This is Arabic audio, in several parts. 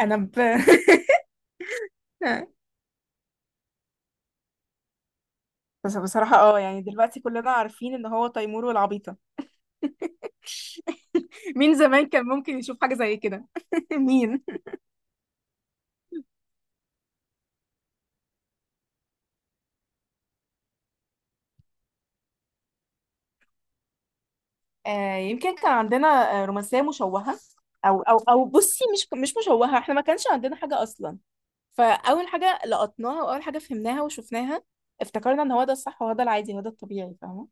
انا ب... بس بصراحة يعني دلوقتي كلنا عارفين ان هو تيمور والعبيطة. مين زمان كان ممكن يشوف حاجة زي كده؟ مين؟ آه، يمكن كان عندنا آه، رومانسية مشوهة. او بصي، مش مشوهة، احنا ما كانش عندنا حاجة اصلا. فاول حاجة لقطناها واول حاجة فهمناها وشفناها افتكرنا ان هو ده الصح وهو ده العادي وهو ده الطبيعي، فاهمة؟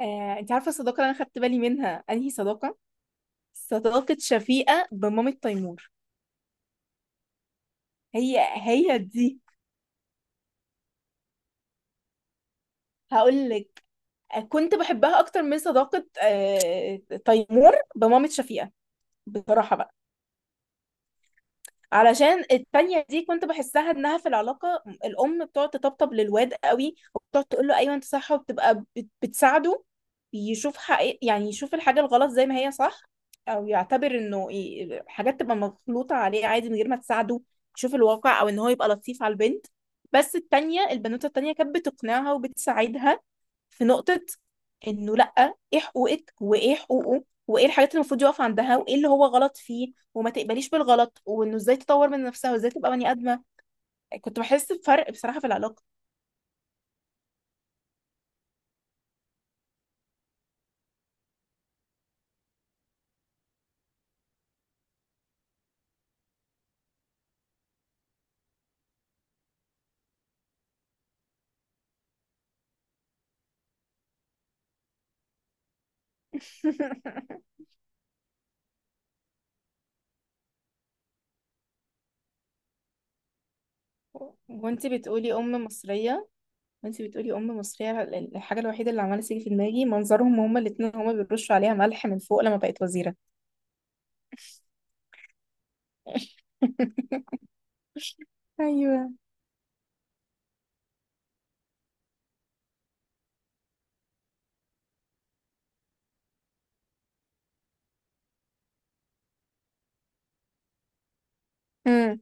آه، انت عارفة الصداقة اللي انا خدت بالي منها انهي صداقة؟ صداقة شفيقة بمامة تيمور. هي هي دي. هقول لك، كنت بحبها اكتر من صداقة تيمور بمامة شفيقة، بصراحة بقى. علشان التانية دي كنت بحسها انها في العلاقة الام، بتقعد تطبطب للواد قوي وبتقعد تقول له ايوه انت صح، وبتبقى بتساعده يشوف حقيقة، يعني يشوف الحاجة الغلط زي ما هي صح، او يعتبر انه حاجات تبقى مغلوطة عليه عادي من غير ما تساعده يشوف الواقع، او ان هو يبقى لطيف على البنت. بس التانية، البنوتة التانية، كانت بتقنعها وبتساعدها في نقطة انه لأ، ايه حقوقك وايه حقوقه وايه الحاجات اللي المفروض يقف عندها وايه اللي هو غلط فيه، وما تقبليش بالغلط، وانه ازاي تطور من نفسها وازاي تبقى بني آدمة. كنت بحس بفرق بصراحة في العلاقة. وانتي بتقولي أم مصرية، وانتي بتقولي أم مصرية، الحاجة الوحيدة اللي عمالة تيجي في دماغي منظرهم هما الاتنين، هما بيرشوا عليها ملح من فوق لما بقت وزيرة. ايوه. امم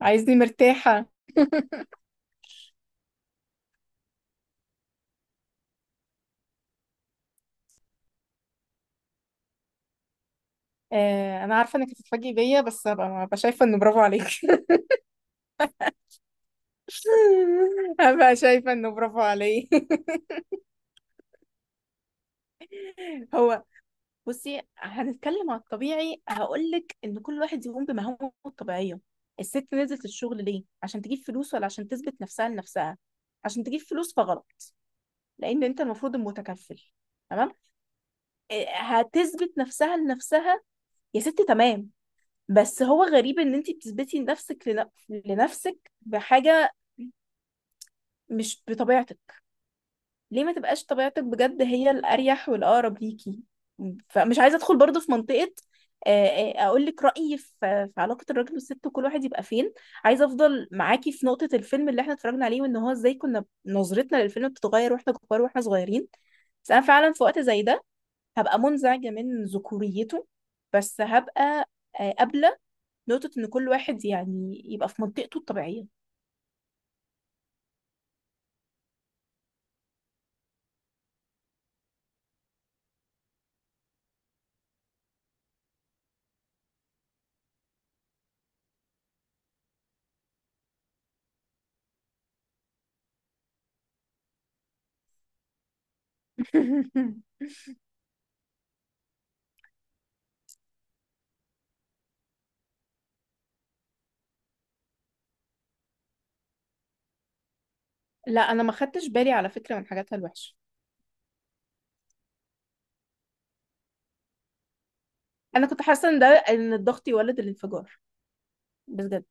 عايزني مرتاحة. آه، انا عارفه انك هتتفاجئي بيا، بس هبقى شايفه انه برافو عليك. هبقى شايفه انه برافو عليك. هو، بصي هنتكلم على الطبيعي. هقولك ان كل واحد يقوم بمهامه الطبيعيه. الست نزلت الشغل ليه؟ عشان تجيب فلوس ولا عشان تثبت نفسها لنفسها؟ عشان تجيب فلوس فغلط، لان انت المفروض المتكفل، تمام. إيه، هتثبت نفسها لنفسها، يا ست، تمام. بس هو غريب ان انت بتثبتي نفسك لنفسك بحاجه مش بطبيعتك. ليه ما تبقاش طبيعتك، بجد هي الأريح والأقرب ليكي. فمش عايزة أدخل برضو في منطقة. أقول لك رأيي في في علاقة الراجل والست وكل واحد يبقى فين. عايزة أفضل معاكي في نقطة الفيلم اللي احنا اتفرجنا عليه، وإن هو إزاي كنا نظرتنا للفيلم بتتغير واحنا كبار واحنا صغيرين. بس أنا فعلا في وقت زي ده هبقى منزعجة من ذكوريته، بس هبقى آه، قابلة نقطة إن كل واحد يعني يبقى في منطقته الطبيعية. لا أنا ما خدتش بالي على فكرة من حاجاتها الوحشة. انا كنت حاسه ان ده، ان الضغط يولد الانفجار، بجد.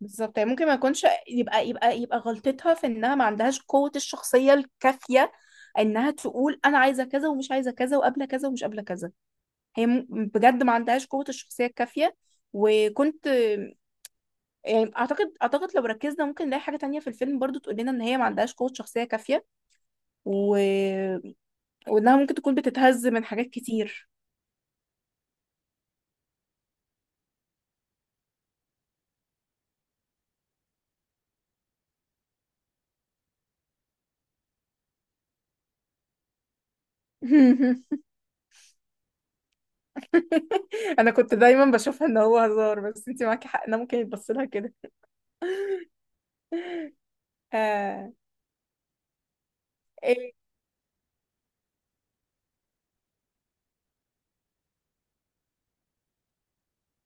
بالظبط، يعني ممكن ما يكونش يبقى غلطتها في انها ما عندهاش قوه الشخصيه الكافيه، انها تقول انا عايزه كذا ومش عايزه كذا وقابله كذا ومش قابله كذا. هي م-، بجد ما عندهاش قوه الشخصيه الكافيه. وكنت، يعني اعتقد لو ركزنا ممكن نلاقي حاجه تانية في الفيلم برضو تقول لنا ان هي ما عندهاش قوه شخصيه كافيه، و... وانها ممكن تكون بتتهز من حاجات كتير. انا كنت دايما بشوفها ان هو هزار، بس انت معاكي حق، انا ممكن يتبص لها كده. آه. ايه.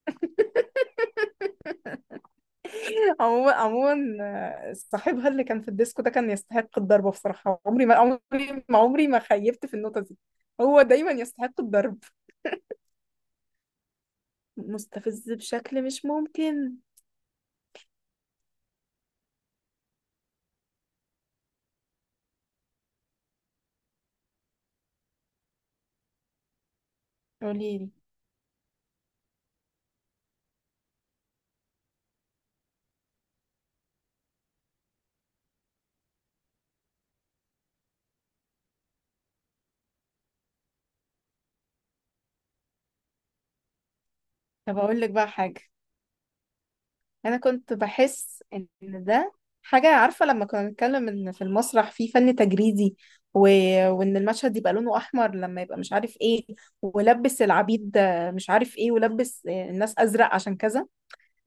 عموما، آه، صاحبها اللي كان في الديسكو ده كان يستحق الضرب بصراحة. عمري ما عمري ما خيبت في النقطة دي. هو دايما يستحق الضرب. مستفز بشكل مش ممكن. قولي لي. طب اقول لك بقى حاجة. انا كنت بحس ان ده حاجه، عارفه لما كنا بنتكلم ان في المسرح في فن تجريدي و... وان المشهد يبقى لونه احمر لما يبقى مش عارف ايه، ولبس العبيد مش عارف ايه، ولبس الناس ازرق عشان كذا.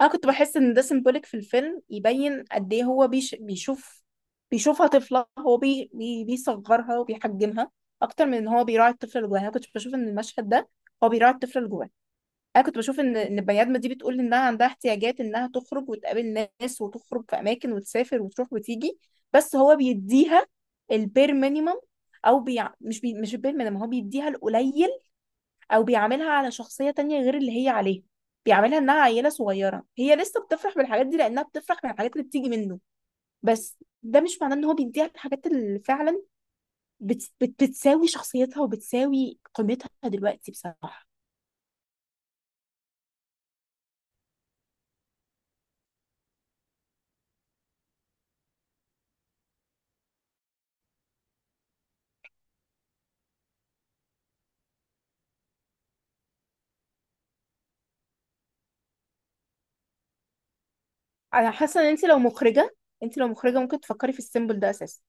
انا كنت بحس ان ده سيمبوليك في الفيلم، يبين قد ايه هو بيشوف بيشوفها طفله. هو بيصغرها وبيحجمها اكتر من ان هو بيراعي الطفل اللي جواها. انا كنت بشوف ان المشهد ده هو بيراعي الطفل اللي جواها. انا كنت بشوف ان ان البني ادمه دي بتقول انها عندها احتياجات، انها تخرج وتقابل ناس وتخرج في اماكن وتسافر وتروح وتيجي. بس هو بيديها البير مينيمم، او مش مش البير مينيمم، هو بيديها القليل، او بيعاملها على شخصيه تانية غير اللي هي عليها. بيعاملها انها عيله صغيره هي لسه بتفرح بالحاجات دي، لانها بتفرح بالحاجات اللي بتيجي منه. بس ده مش معناه ان هو بيديها الحاجات اللي فعلا بتساوي شخصيتها وبتساوي قيمتها دلوقتي، بصراحه. انا حاسه ان انت لو مخرجه، انت لو مخرجه ممكن تفكري في السيمبل ده اساسا.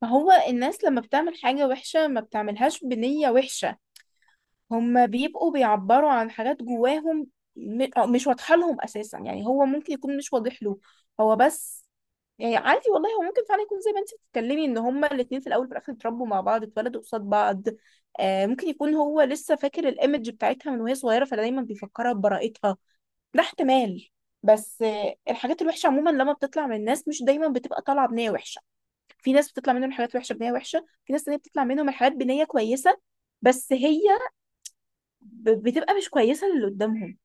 فهو الناس لما بتعمل حاجه وحشه ما بتعملهاش بنيه وحشه، هم بيبقوا بيعبروا عن حاجات جواهم، أو مش واضحه لهم اساسا، يعني هو ممكن يكون مش واضح له هو. بس يعني عادي والله، هو ممكن فعلا يكون زي ما انت بتتكلمي ان هما الاتنين في الاول وفي الاخر اتربوا مع بعض، اتولدوا قصاد بعض. آه ممكن يكون هو لسه فاكر الايمج بتاعتها من وهي صغيره فدايما بيفكرها ببراءتها، ده احتمال. بس آه، الحاجات الوحشة عموما لما بتطلع من الناس مش دايما بتبقى طالعة بنية وحشة. في ناس بتطلع منهم حاجات وحشة بنية وحشة، في ناس تانية بتطلع منهم الحاجات بنية كويسة. بس هي بتبقى مش كويسة للي قدامهم.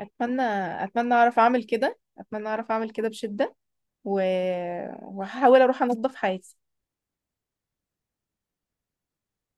أتمنى، أتمنى أعرف أعمل كده، أتمنى أعرف أعمل كده بشدة، و... وهحاول أروح أنظف حياتي.